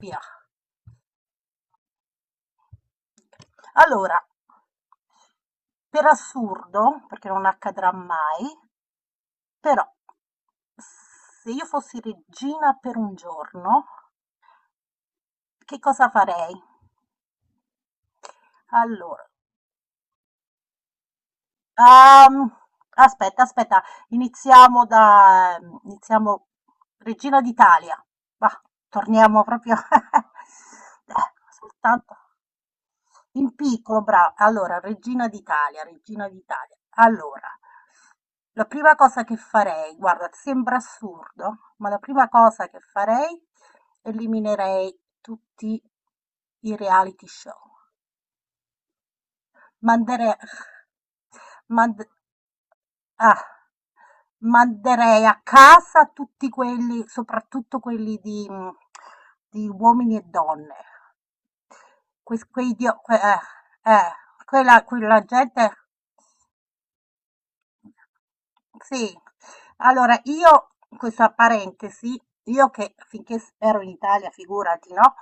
Via. Allora, per assurdo, perché non accadrà mai, però se io fossi regina per un giorno, che cosa farei? Allora, ehm, aspetta, aspetta, iniziamo da, iniziamo Regina d'Italia. Va, torniamo proprio soltanto. In piccolo, brava. Allora, Regina d'Italia, Regina d'Italia. Allora, la prima cosa che farei, guarda, sembra assurdo, ma la prima cosa che farei, eliminerei tutti i reality show. Manderei, mand- ah, manderei a casa tutti quelli, soprattutto quelli di uomini e donne que- Quei dio, que- eh, quella, quella gente sì. Allora io questa parentesi, io che finché s ero in Italia figurati, no,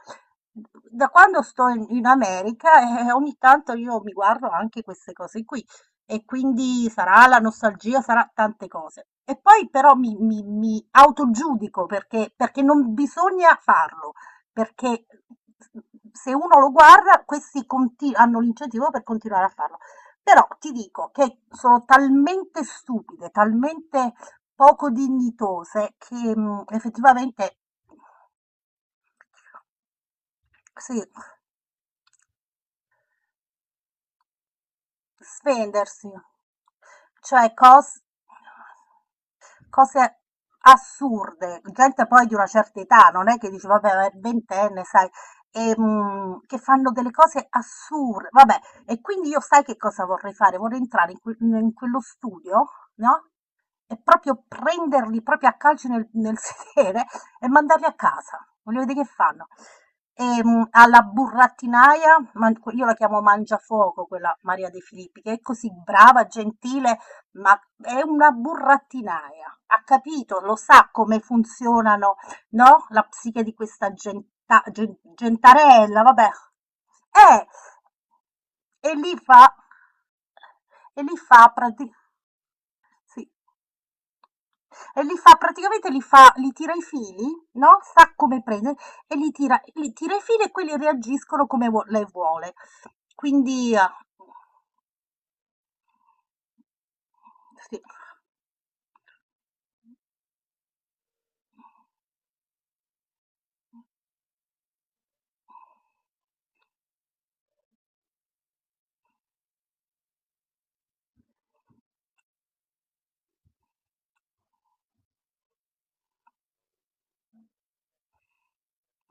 da quando sto in America, ogni tanto io mi guardo anche queste cose qui e quindi sarà la nostalgia, sarà tante cose. E poi però mi autogiudico perché, perché non bisogna farlo, perché se uno lo guarda, questi conti- hanno l'incentivo per continuare a farlo. Però ti dico che sono talmente stupide, talmente poco dignitose che, effettivamente sì, svendersi. Cioè cose assurde, gente poi di una certa età, non è che dici vabbè, ma è ventenne, sai, e, che fanno delle cose assurde, vabbè, e quindi io sai che cosa vorrei fare? Vorrei entrare in quello studio, no? E proprio prenderli proprio a calci nel sedere e mandarli a casa. Voglio vedere che fanno. E, alla burattinaia, man- io la chiamo Mangiafuoco, quella Maria De Filippi, che è così brava, gentile, ma è una burattinaia, ha capito, lo sa come funzionano, no, la psiche di questa gentarella, vabbè. Eh, e li fa, e li fa, prati- sì, e li fa praticamente, li fa, li tira i fili, no? Sa come prendere e li tira i fili e quelli reagiscono come lei vuole. Quindi, sì,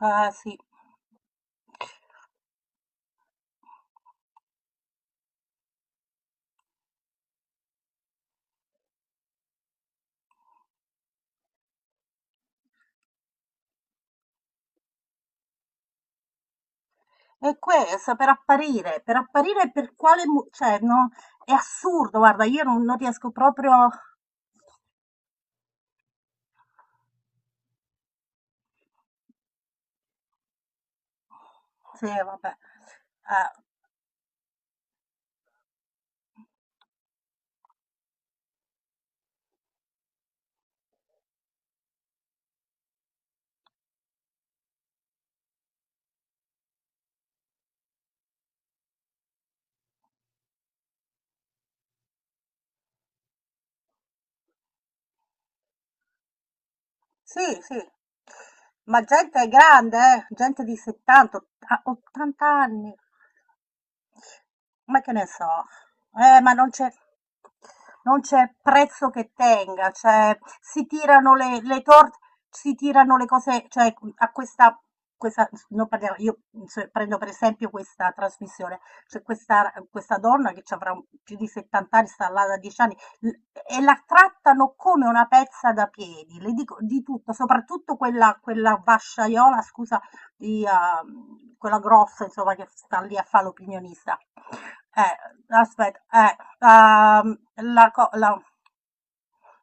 sì. È questo, per apparire, per apparire per quale... mo- cioè, no, è assurdo, guarda, io non, non riesco proprio... Sì, vabbè. Eh, Sì, sì. Ma gente grande, gente di 70, otta- 80 anni. Ma che ne so. Ma non c'è non c'è prezzo che tenga, cioè si tirano le torte, si tirano le cose, cioè a questa, questa non parliamo, io se- prendo per esempio questa trasmissione, c'è questa, questa donna che ci avrà un- più di 70 anni, sta là da 10 anni, l- e la trattano come una pezza da piedi, le dico di tutto, soprattutto quella, quella vasciaiola, scusa, di, quella grossa, insomma, che sta lì a fare l'opinionista. Eh, aspetta, eh, ehm, la, co- la-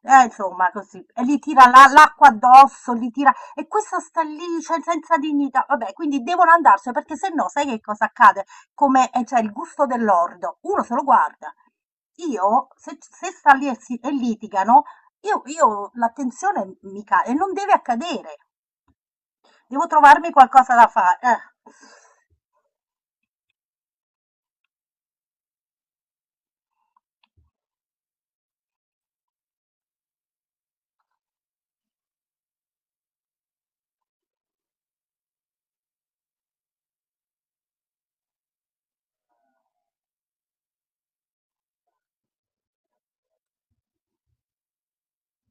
insomma, così. E gli tira la- l'acqua addosso, gli tira... E questa sta lì, cioè, senza dignità. Vabbè, quindi devono andarsene, perché se no, sai che cosa accade? Come, cioè, il gusto dell'ordo. Uno se lo guarda. Io, se, se sta lì e, si- e litigano, io l'attenzione mi cade. E non deve accadere. Devo trovarmi qualcosa da fare.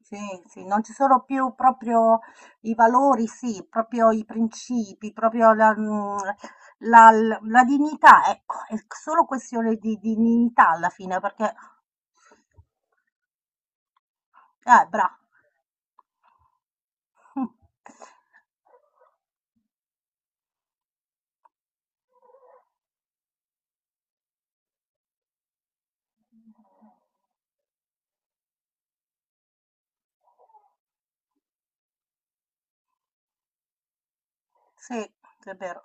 Sì, sì, non ci sono più proprio i valori, sì, proprio i principi, proprio la, la dignità, ecco, è solo questione di dignità alla fine, perché, bravo. Sì, è vero.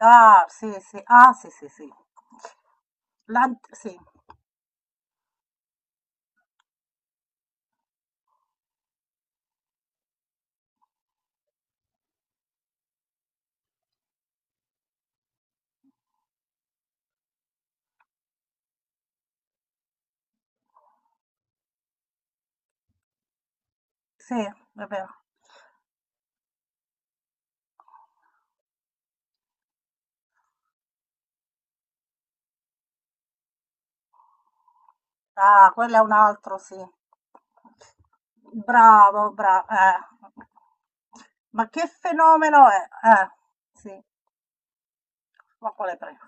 Ah, sì, sì, ah, sì, sì, sì. L'ant- sì, sì, è vero. Ah, quello è un altro, sì. Bravo, bravo. Ma che fenomeno è? Sì, ma quale prego?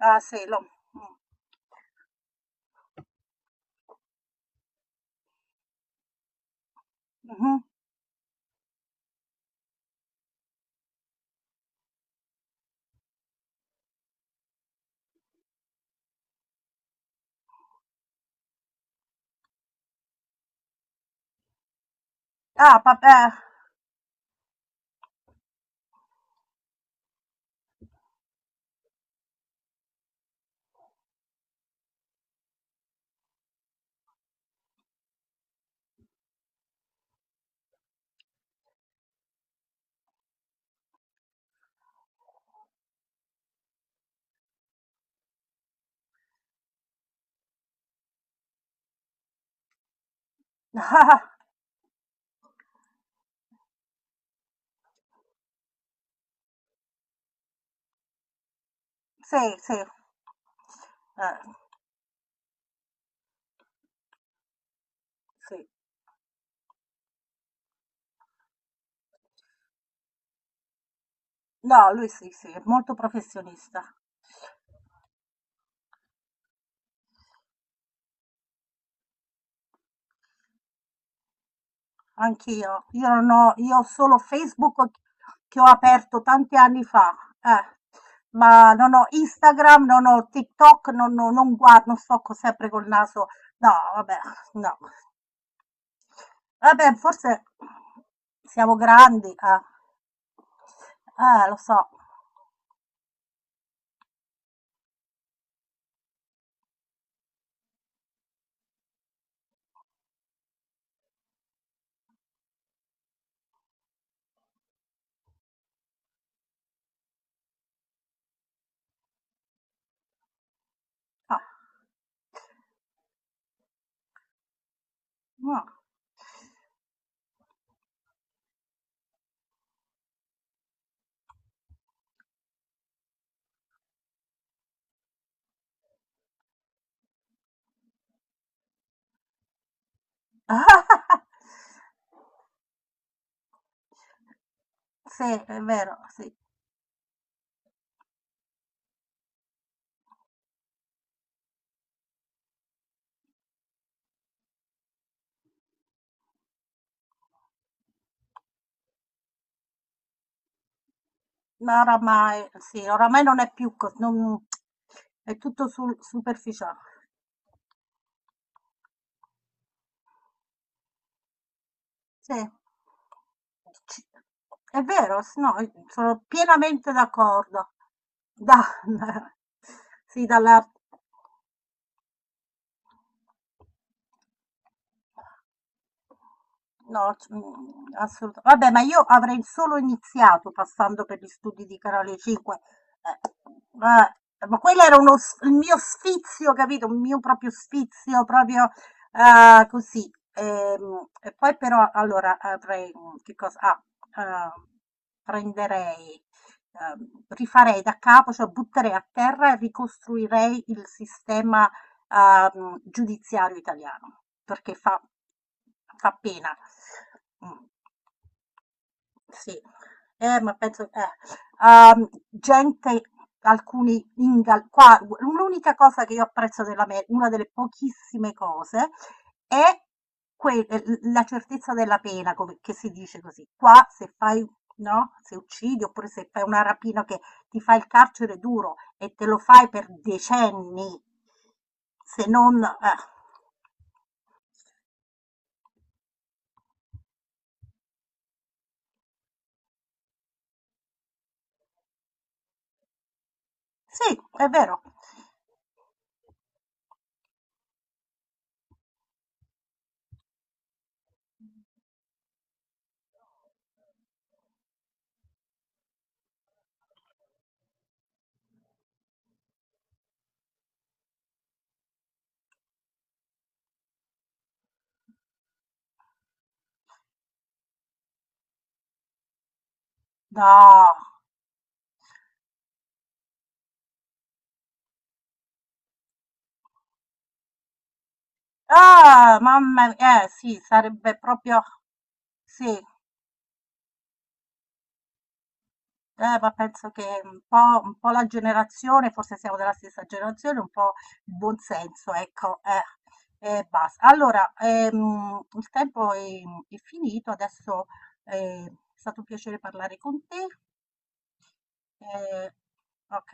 Ah, sì, lo... mm, mhm. Ah, papà. Sì, sì. Eh, sì. No, lui sì, sì, è molto professionista. Anch'io. Io non ho io ho solo Facebook che ho aperto tanti anni fa, eh. Ma non ho Instagram, non ho TikTok, non non non guardo, non sto co sempre col naso no, vabbè, no. Vabbè, forse siamo grandi, eh. Lo so. Ah, no. Sì, è vero, sì. Ma oramai sì, oramai non è più co non è tutto sul superficiale. Sì. Ci è vero, s no, i sono pienamente d'accordo. Da sì, dalla No, c- assolut- Vabbè, ma io avrei solo iniziato passando per gli studi di Canale 5. Ma quello era uno, s- il mio sfizio, capito? Un mio proprio sfizio, proprio così. E, poi però, allora, avrei, che cosa? Ah, eh, prenderei, rifarei da capo, cioè butterei a terra e ricostruirei il sistema giudiziario italiano, perché fa, fa pena. Mm. Sì, ma penso gente alcuni ingal qua l'unica cosa che io apprezzo dell'Ame una delle pochissime cose, è que l la certezza della pena, come che si dice così. Qua se fai no, se uccidi oppure se fai una rapina che ti fai il carcere duro e te lo fai per decenni. Se non. Sì, è vero. No. Ah, mamma mia, eh sì, sarebbe proprio sì, ma penso che un po' la generazione, forse siamo della stessa generazione, un po' il buon senso, ecco, e basta. Allora, il tempo è finito, adesso è stato un piacere parlare con te. Eh, ok.